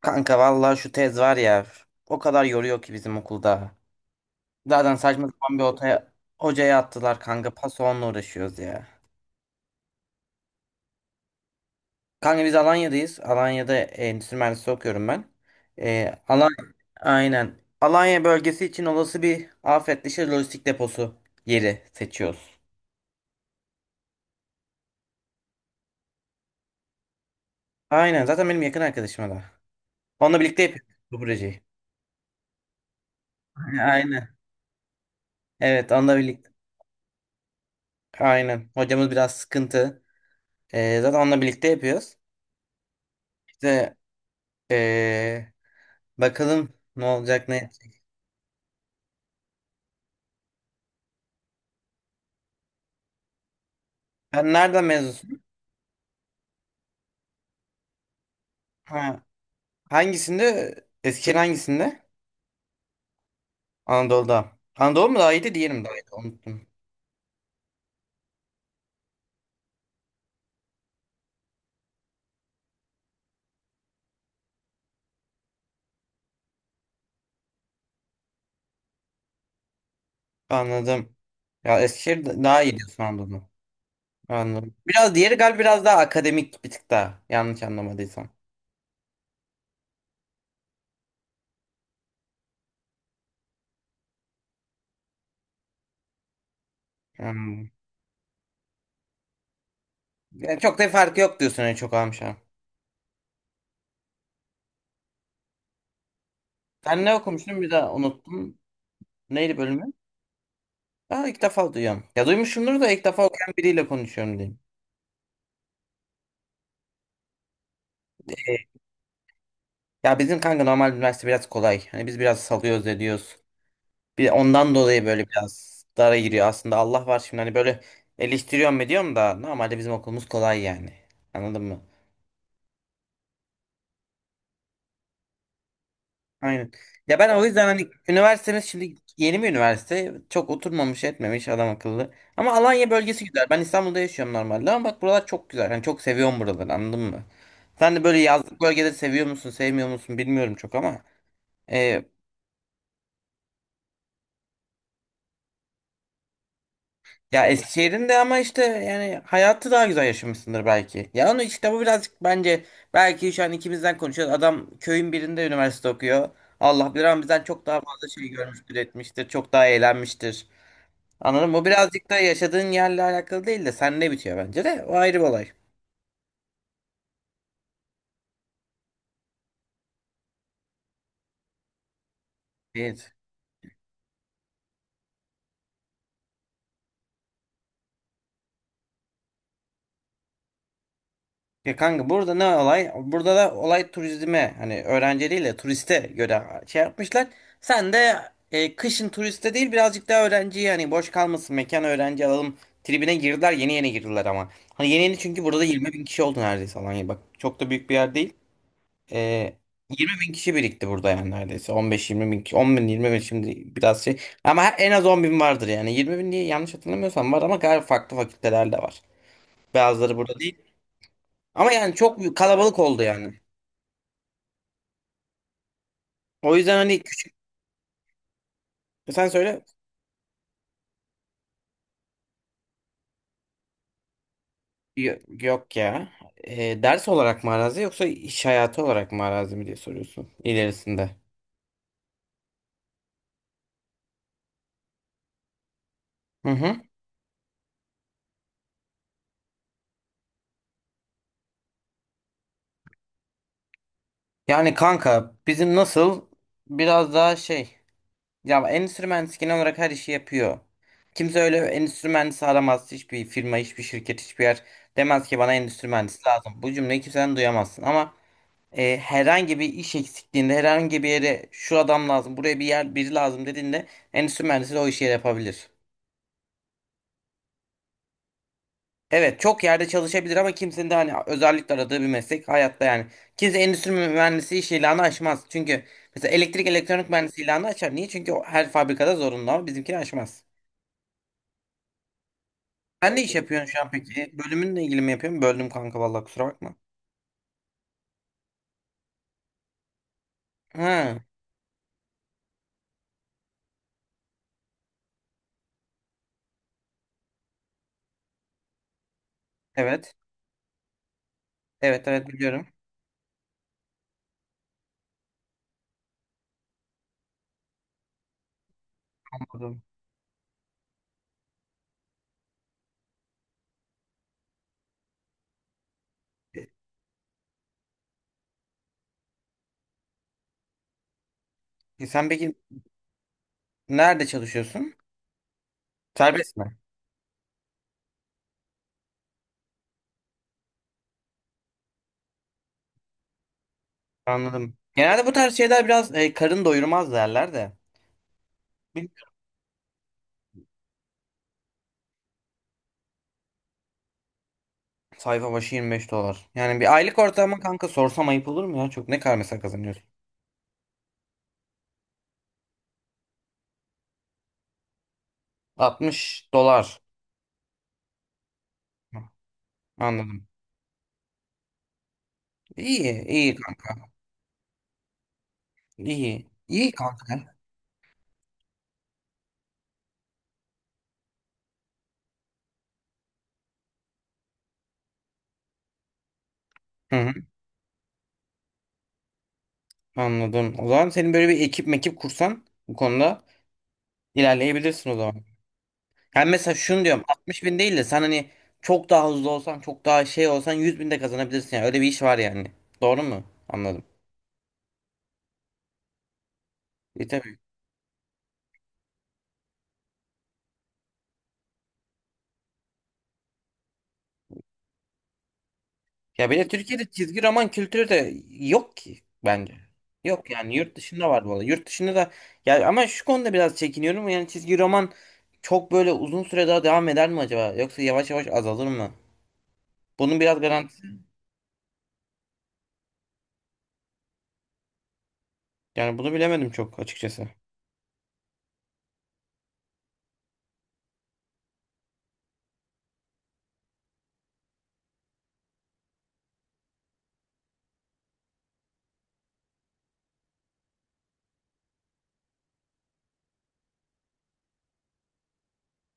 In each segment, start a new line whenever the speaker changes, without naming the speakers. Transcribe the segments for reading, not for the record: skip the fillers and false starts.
Kanka vallahi şu tez var ya o kadar yoruyor ki bizim okulda. Zaten saçma sapan hocaya attılar kanka paso onunla uğraşıyoruz ya. Kanka biz Alanya'dayız. Alanya'da endüstri mühendisliği okuyorum ben. Alan Aynen. Alanya bölgesi için olası bir afet dışı lojistik deposu yeri seçiyoruz. Aynen, zaten benim yakın arkadaşım da. Onunla birlikte yapıyoruz bu projeyi. Aynen. Evet, onunla birlikte. Aynen. Hocamız biraz sıkıntı. Zaten onunla birlikte yapıyoruz. İşte ee, bakalım ne olacak ne edecek. Sen nereden mezunsun? Ha, hangisinde? Eskişehir hangisinde? Anadolu'da. Anadolu mu daha iyiydi, diyelim daha iyiydi. Unuttum. Anladım. Ya Eskişehir daha iyi diyorsun, Anadolu. Anladım. Biraz diğeri galiba biraz daha akademik, bir tık daha. Yanlış anlamadıysam. Hmm. Yani çok da farkı yok diyorsun, en çok almışım. Sen ne okumuştun, bir daha unuttum. Neydi bölümü? Aa, ilk defa duyuyorum. Ya duymuşumdur da ilk defa okuyan biriyle konuşuyorum diyeyim. Ee, Ya bizim kanka normal üniversite biraz kolay. Hani biz biraz salıyoruz ediyoruz. Bir ondan dolayı böyle biraz dara giriyor. Aslında Allah var, şimdi hani böyle eleştiriyorum ediyorum da normalde bizim okulumuz kolay yani. Anladın mı? Aynen. Ya ben o yüzden hani üniversitemiz şimdi yeni bir üniversite. Çok oturmamış etmemiş adam akıllı. Ama Alanya bölgesi güzel. Ben İstanbul'da yaşıyorum normalde ama bak buralar çok güzel. Yani çok seviyorum buraları, anladın mı? Sen de böyle yazlık bölgeleri seviyor musun sevmiyor musun bilmiyorum çok ama. Ya Eskişehir'in de ama işte yani hayatı daha güzel yaşamışsındır belki. Ya onu işte bu birazcık, bence belki şu an ikimizden konuşuyoruz. Adam köyün birinde üniversite okuyor. Allah bilir ama bizden çok daha fazla şey görmüştür, etmiştir. Çok daha eğlenmiştir. Anladın mı? Bu birazcık da yaşadığın yerle alakalı değil de sen ne bitiyor bence de. O ayrı bir olay. Evet. Ya kanka burada ne olay? Burada da olay turizme, hani öğrencileriyle turiste göre şey yapmışlar. Sen de kışın turiste değil birazcık daha öğrenciye, hani boş kalmasın mekan öğrenci alalım tribine girdiler, yeni yeni girdiler ama. Hani yeni yeni, çünkü burada 20 bin kişi oldu neredeyse. Alanya bak çok da büyük bir yer değil. E, 20 bin kişi birikti burada yani. Neredeyse 15-20 bin kişi, 10 bin, 20 bin şimdi biraz şey ama en az 10 bin vardır yani. 20 bin diye, yanlış hatırlamıyorsam var ama galiba farklı fakültelerde var. Bazıları burada değil. Ama yani çok kalabalık oldu yani. O yüzden hani küçük. Sen söyle. Yok ya. Ders olarak mı arazi, yoksa iş hayatı olarak mı arazi mi diye soruyorsun ilerisinde. Hı hı. Yani kanka bizim nasıl, biraz daha şey, ya endüstri mühendisi genel olarak her işi yapıyor. Kimse öyle endüstri mühendisi aramaz. Hiçbir firma, hiçbir şirket, hiçbir yer demez ki bana endüstri mühendisi lazım. Bu cümleyi kimseden duyamazsın ama herhangi bir iş eksikliğinde, herhangi bir yere şu adam lazım, buraya bir yer biri lazım dediğinde, endüstri mühendisi de o işi yapabilir. Evet, çok yerde çalışabilir ama kimsenin de hani özellikle aradığı bir meslek hayatta yani. Kimse endüstri mühendisi iş ilanı açmaz. Çünkü mesela elektrik elektronik mühendisi ilanı açar. Niye? Çünkü o her fabrikada zorunlu ama bizimkini açmaz. Sen ne iş yapıyorsun şu an peki? Bölümünle ilgili mi yapıyorsun? Böldüm kanka, vallahi kusura bakma. Ha, evet. Evet evet, biliyorum. Anladım. E, sen peki nerede çalışıyorsun? Serbest mi? Anladım. Genelde bu tarz şeyler biraz karın doyurmaz derler de. Bir sayfa başı 25 dolar. Yani bir aylık ortalama, kanka sorsam ayıp olur mu ya? Çok ne kadar mesela kazanıyorsun? 60 dolar. Anladım. İyi, iyi kanka. İyi. İyi kanka. Hı hı, anladım. O zaman senin böyle bir ekip mekip kursan bu konuda ilerleyebilirsin o zaman. Yani mesela şunu diyorum, 60 bin değil de sen hani çok daha hızlı olsan, çok daha şey olsan, 100 bin de kazanabilirsin. Yani öyle bir iş var yani. Doğru mu? Anladım. İyi. Ya bir de Türkiye'de çizgi roman kültürü de yok ki bence. Yok yani, yurt dışında var bu arada. Yurt dışında da ya, ama şu konuda biraz çekiniyorum. Yani çizgi roman çok böyle uzun süre daha devam eder mi acaba? Yoksa yavaş yavaş azalır mı? Bunun biraz garantisi. Yani bunu bilemedim çok açıkçası.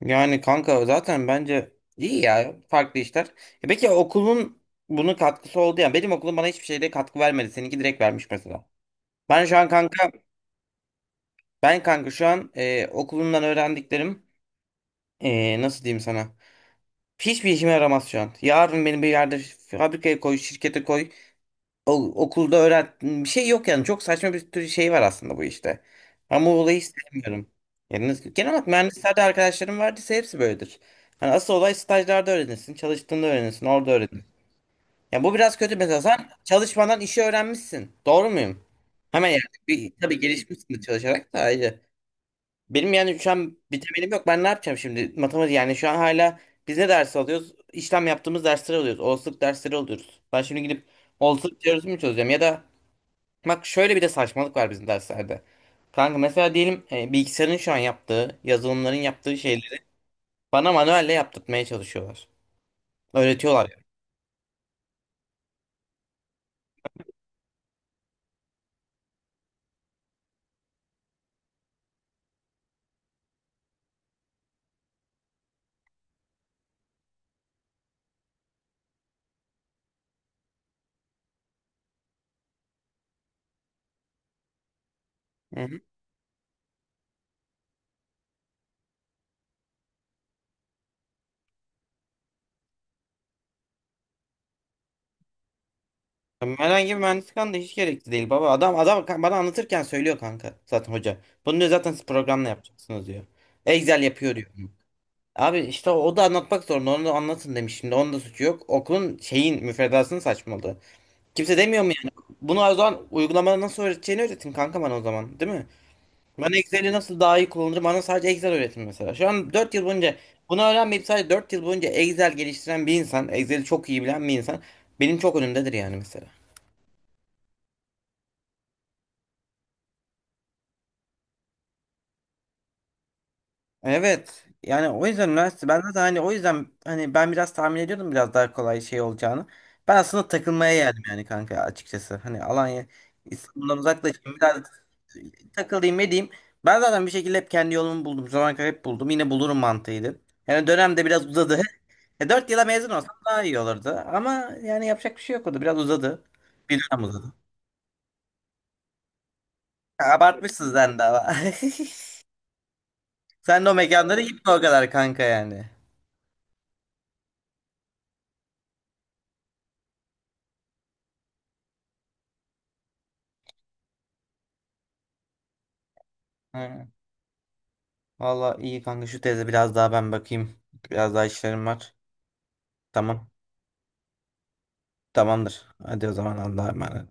Yani kanka zaten bence iyi ya, farklı işler. E peki okulun bunun katkısı oldu yani. Benim okulum bana hiçbir şeyde katkı vermedi. Seninki direkt vermiş mesela. Ben şu an kanka ben kanka şu an okulumdan öğrendiklerim. Nasıl diyeyim sana? Hiçbir işime yaramaz şu an. Yarın beni bir yerde fabrikaya koy, şirkete koy, okulda öğret. Bir şey yok yani. Çok saçma bir tür şey var aslında bu işte. Ama o olayı sevmiyorum. Yani genel olarak mühendislerde arkadaşlarım vardıysa hepsi böyledir. Hani asıl olay stajlarda öğrenirsin, çalıştığında öğrenirsin, orada öğrenirsin. Yani bu biraz kötü mesela. Sen çalışmadan işi öğrenmişsin. Doğru muyum? Hemen yani. Bir, tabii gelişmişsin de çalışarak da ayrı. Benim yani şu an bir temelim yok. Ben ne yapacağım şimdi? Matematik yani şu an hala biz ne ders alıyoruz? İşlem yaptığımız dersleri alıyoruz. Olasılık dersleri alıyoruz. Ben şimdi gidip olasılık teorisini mi çözeceğim? Ya da bak şöyle bir de saçmalık var bizim derslerde. Kanka mesela diyelim bilgisayarın şu an yaptığı, yazılımların yaptığı şeyleri bana manuelle yaptırtmaya çalışıyorlar. Öğretiyorlar yani. Hı hı. Herhangi bir mühendislik anı da hiç gerekli değil baba. Bana anlatırken söylüyor kanka zaten hoca. Bunu diyor, zaten siz programla yapacaksınız diyor. Excel yapıyor diyor. Abi işte o da anlatmak zorunda. Onu da anlatın demiş. Şimdi onun da suçu yok. Okulun şeyin müfredasını saçmaladı. Kimse demiyor mu yani? Bunu o zaman uygulamada nasıl öğreteceğini öğretin kanka bana o zaman. Değil mi? Ben Excel'i nasıl daha iyi kullanırım? Bana sadece Excel öğretin mesela. Şu an 4 yıl boyunca bunu öğrenmeyip sadece 4 yıl boyunca Excel geliştiren bir insan, Excel'i çok iyi bilen bir insan benim çok önümdedir yani mesela. Evet. Yani o yüzden üniversite ben zaten hani, o yüzden hani ben biraz tahmin ediyordum biraz daha kolay şey olacağını. Ben aslında takılmaya geldim yani kanka açıkçası. Hani Alanya, İstanbul'dan uzaklaşayım biraz, takılayım edeyim. Ben zaten bir şekilde hep kendi yolumu buldum. Zaman kadar hep buldum. Yine bulurum mantığıydı. Yani dönem de biraz uzadı. 4 yıla mezun olsam daha iyi olurdu. Ama yani yapacak bir şey yok, o da biraz uzadı. Bir dönem uzadı. Abartmışsın sen de ama. Sen de o mekanlara gitme o kadar kanka yani. Valla iyi kanka, şu teze biraz daha ben bakayım. Biraz daha işlerim var. Tamam. Tamamdır. Hadi o zaman Allah'a emanet.